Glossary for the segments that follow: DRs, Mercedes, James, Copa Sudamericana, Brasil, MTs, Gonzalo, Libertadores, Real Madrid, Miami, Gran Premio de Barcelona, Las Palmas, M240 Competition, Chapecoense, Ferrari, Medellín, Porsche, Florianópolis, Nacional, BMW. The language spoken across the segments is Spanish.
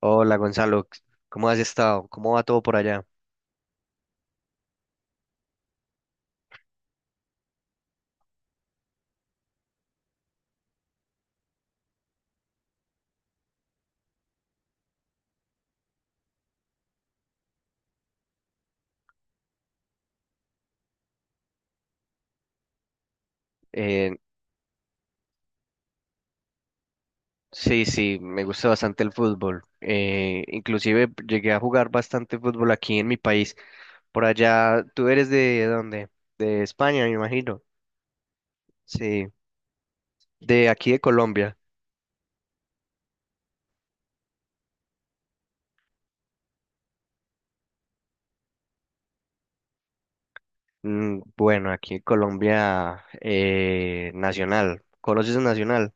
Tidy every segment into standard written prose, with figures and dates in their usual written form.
Hola Gonzalo, ¿cómo has estado? ¿Cómo va todo por allá? Eh, sí, sí, me gusta bastante el fútbol. Inclusive llegué a jugar bastante fútbol aquí en mi país. Por allá, ¿tú eres de dónde? De España, me imagino. Sí, de aquí de Colombia. Bueno, aquí en Colombia, Nacional. ¿Conoces a Nacional?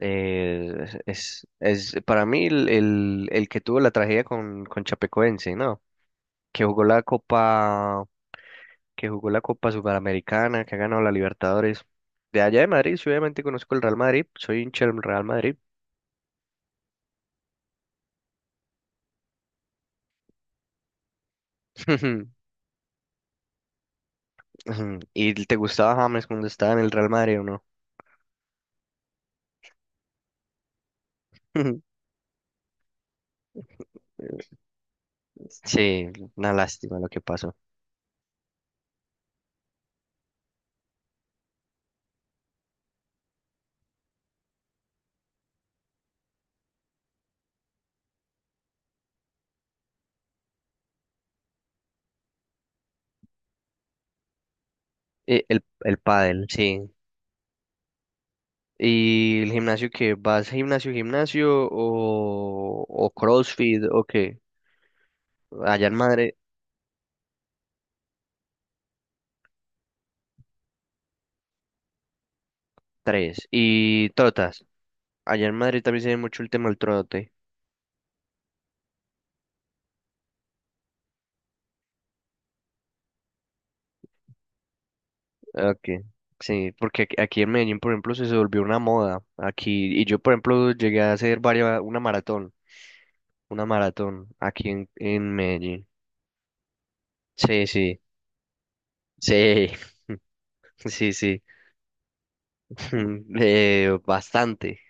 Es para mí el que tuvo la tragedia con Chapecoense, ¿no? Que jugó la Copa. Que jugó la Copa Sudamericana, que ha ganado la Libertadores. De allá de Madrid, sí, obviamente conozco el Real Madrid, soy hincha del Real Madrid. ¿Y te gustaba James cuando estaba en el Real Madrid o no? Sí, una lástima lo que pasó. El pádel, sí. ¿Y el gimnasio que ¿Vas gimnasio, gimnasio o CrossFit o qué? Allá en Madrid, tres. ¿Y trotas? Allá en Madrid también se ve mucho el tema del trote. Okay. Sí, porque aquí en Medellín, por ejemplo, se volvió una moda. Aquí, y yo, por ejemplo, llegué a hacer varias, una maratón aquí en Medellín. Sí, sí, sí, sí, sí. Bastante,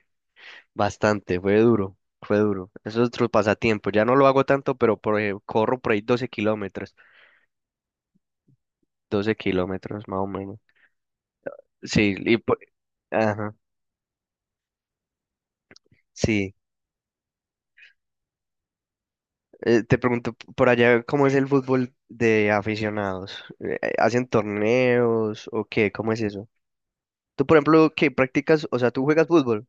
bastante, fue duro, fue duro. Eso es otro pasatiempo. Ya no lo hago tanto, pero corro por ahí doce kilómetros más o menos. Sí, ajá, sí. Te pregunto por allá cómo es el fútbol de aficionados. ¿Hacen torneos o qué? ¿Cómo es eso? Tú, por ejemplo, qué practicas, o sea, tú juegas fútbol.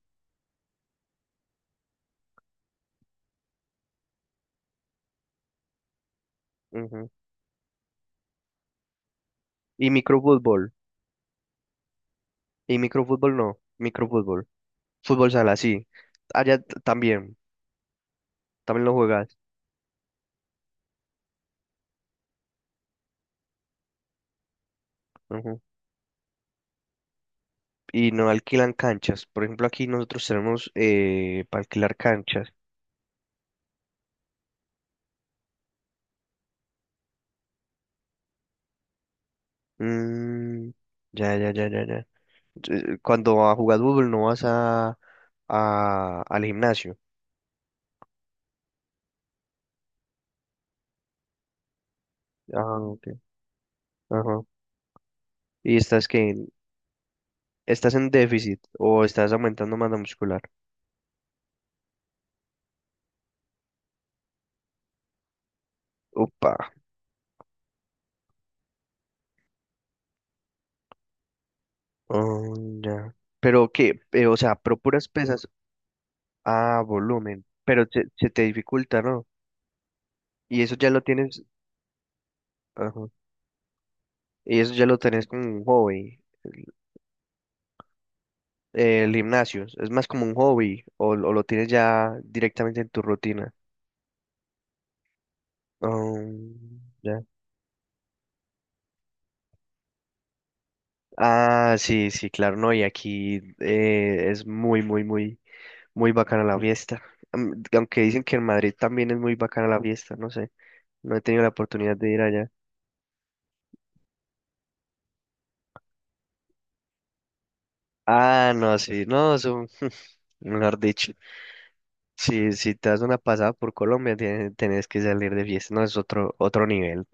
Ujú. Y microfútbol. Y microfútbol no, microfútbol. Fútbol sala, sí. Allá también lo juegas. Ujú. Y no alquilan canchas. Por ejemplo, aquí nosotros tenemos para alquilar canchas. Mm, ya, ya, ya, ya, ya. Cuando a jugar fútbol no vas al gimnasio. Ah, ok. Ajá. Y estás en déficit o estás aumentando masa muscular. Upa. Oh, ya. Pero qué que, o sea, pero puras pesas a volumen, pero se te dificulta, ¿no? Y eso ya lo tienes, ajá. Y eso ya lo tenés como un hobby. El gimnasio, ¿es más como un hobby o lo tienes ya directamente en tu rutina? Ya. Ah, sí, sí, claro, no, y aquí es muy, muy, muy. Muy bacana la fiesta. Aunque dicen que en Madrid también es muy bacana la fiesta, no sé. No he tenido la oportunidad de ir allá. Ah, no, sí, no, eso, mejor dicho. Si, si te das una pasada por Colombia, tienes, tenés que salir de fiesta, no, es otro nivel.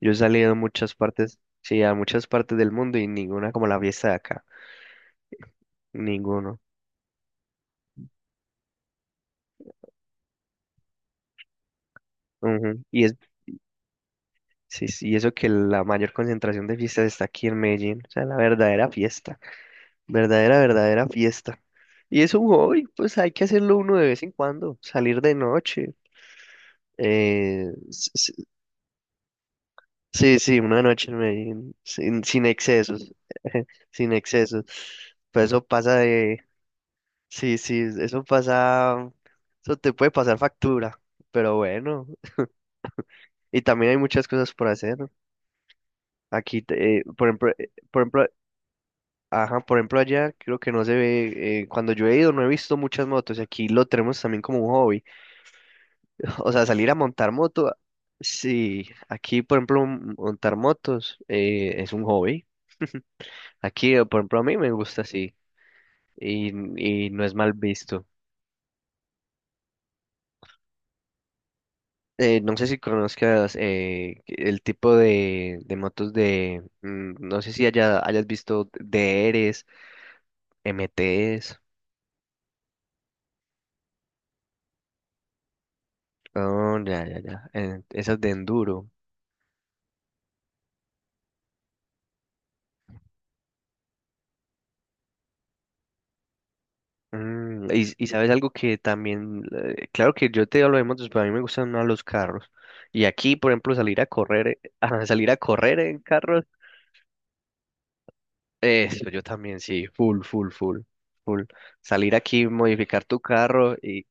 Yo he salido a muchas partes, sí, a muchas partes del mundo y ninguna como la fiesta de acá, ninguno. Ujú. Sí, sí, y eso que la mayor concentración de fiestas está aquí en Medellín, o sea, la verdadera fiesta. Verdadera, verdadera fiesta. Y es un hobby, pues hay que hacerlo uno de vez en cuando, salir de noche. eh, s- s- sí, sí, una noche en Medellín, sin excesos, sin excesos. Pues, sí, sí, eso pasa, eso te puede pasar factura, pero bueno. Y también hay muchas cosas por hacer, ¿no? Aquí, por ejemplo, ajá, por ejemplo allá creo que no se ve, cuando yo he ido no he visto muchas motos y aquí lo tenemos también como un hobby. O sea, salir a montar moto, sí, aquí por ejemplo montar motos es un hobby. Aquí, por ejemplo, a mí me gusta así y, y no es mal visto. No sé si conozcas el tipo de motos no sé si haya, hayas visto DRs, MTs, oh, ya, ya, ya, esas de enduro. Y sabes algo que también, claro que yo te lo hemos, pero a mí me gustan más los carros. Y aquí, por ejemplo, salir a correr, ah, salir a correr en carros, eso yo también sí, full, full, full, full. Salir aquí, modificar tu carro y,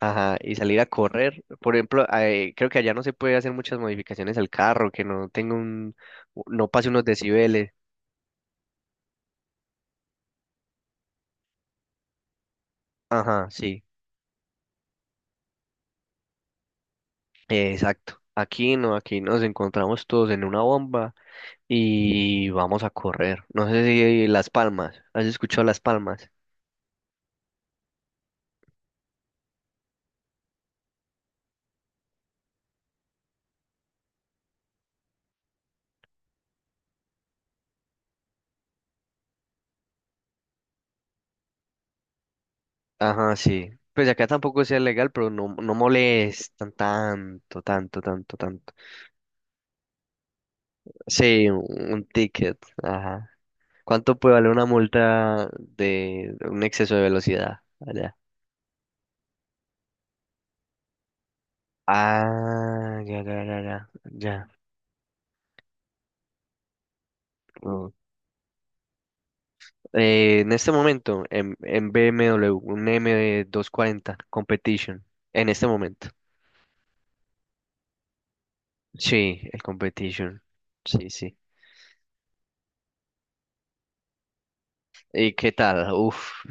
ajá, y salir a correr. Por ejemplo, creo que allá no se puede hacer muchas modificaciones al carro, que no tenga no pase unos decibeles. Ajá, sí, exacto. Aquí no, aquí nos encontramos todos en una bomba y vamos a correr. No sé si Las Palmas, ¿has escuchado Las Palmas? Ajá, sí. Pues acá tampoco sea legal, pero no, no molestan tanto, tanto, tanto, tanto. Sí, un ticket, ajá. ¿Cuánto puede valer una multa de un exceso de velocidad allá? Ah, ya, ya, ya, ya, ya. Mm. En este momento, en BMW, un M240 Competition, en este momento. Sí, el competition. Sí, sí. ¿Y qué tal? Uf.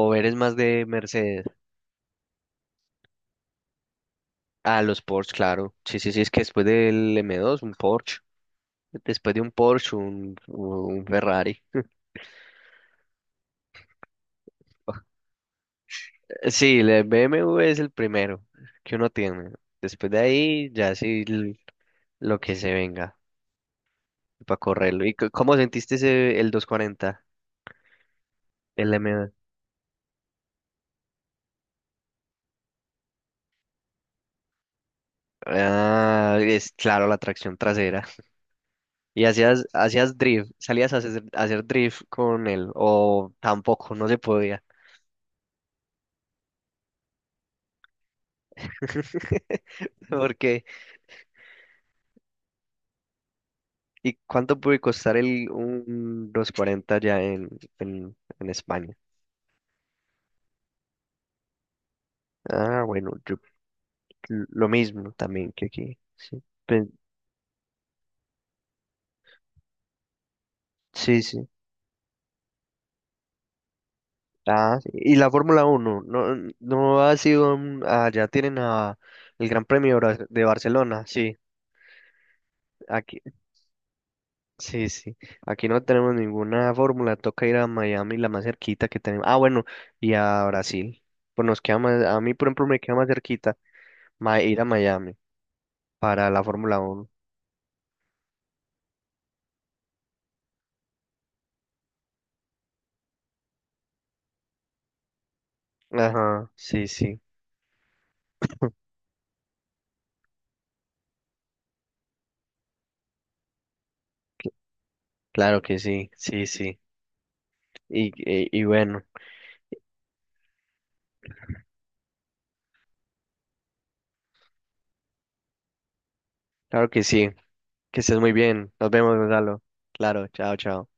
¿O eres más de Mercedes? Ah, los Porsche, claro. Sí, sí, sí, es que después del M2, un Porsche. Después de un Porsche, un Ferrari. Sí, el BMW es el primero que uno tiene. Después de ahí, ya sí lo que se venga para correrlo. ¿Y cómo sentiste ese, el 240? El M2. Ah, es claro, la tracción trasera. Y hacías drift, salías a hacer drift con él, o tampoco, no se podía. Porque, ¿Y cuánto puede costar un 240 ya en España? Ah, bueno, lo mismo también que aquí. Sí, sí. Sí. Ah, sí. Y la Fórmula 1 no ha sido, ya tienen el Gran Premio de de Barcelona, sí. Aquí. Sí, sí. Aquí no tenemos ninguna fórmula. Toca ir a Miami, la más cerquita que tenemos. Ah, bueno, y a Brasil. Pues nos queda más, a mí, por ejemplo, me queda más cerquita ir a Miami para la Fórmula 1. Ajá, sí, sí. Claro que sí, sí, sí. Y bueno, claro que sí. Que estés muy bien. Nos vemos, Gonzalo. Claro, chao, chao.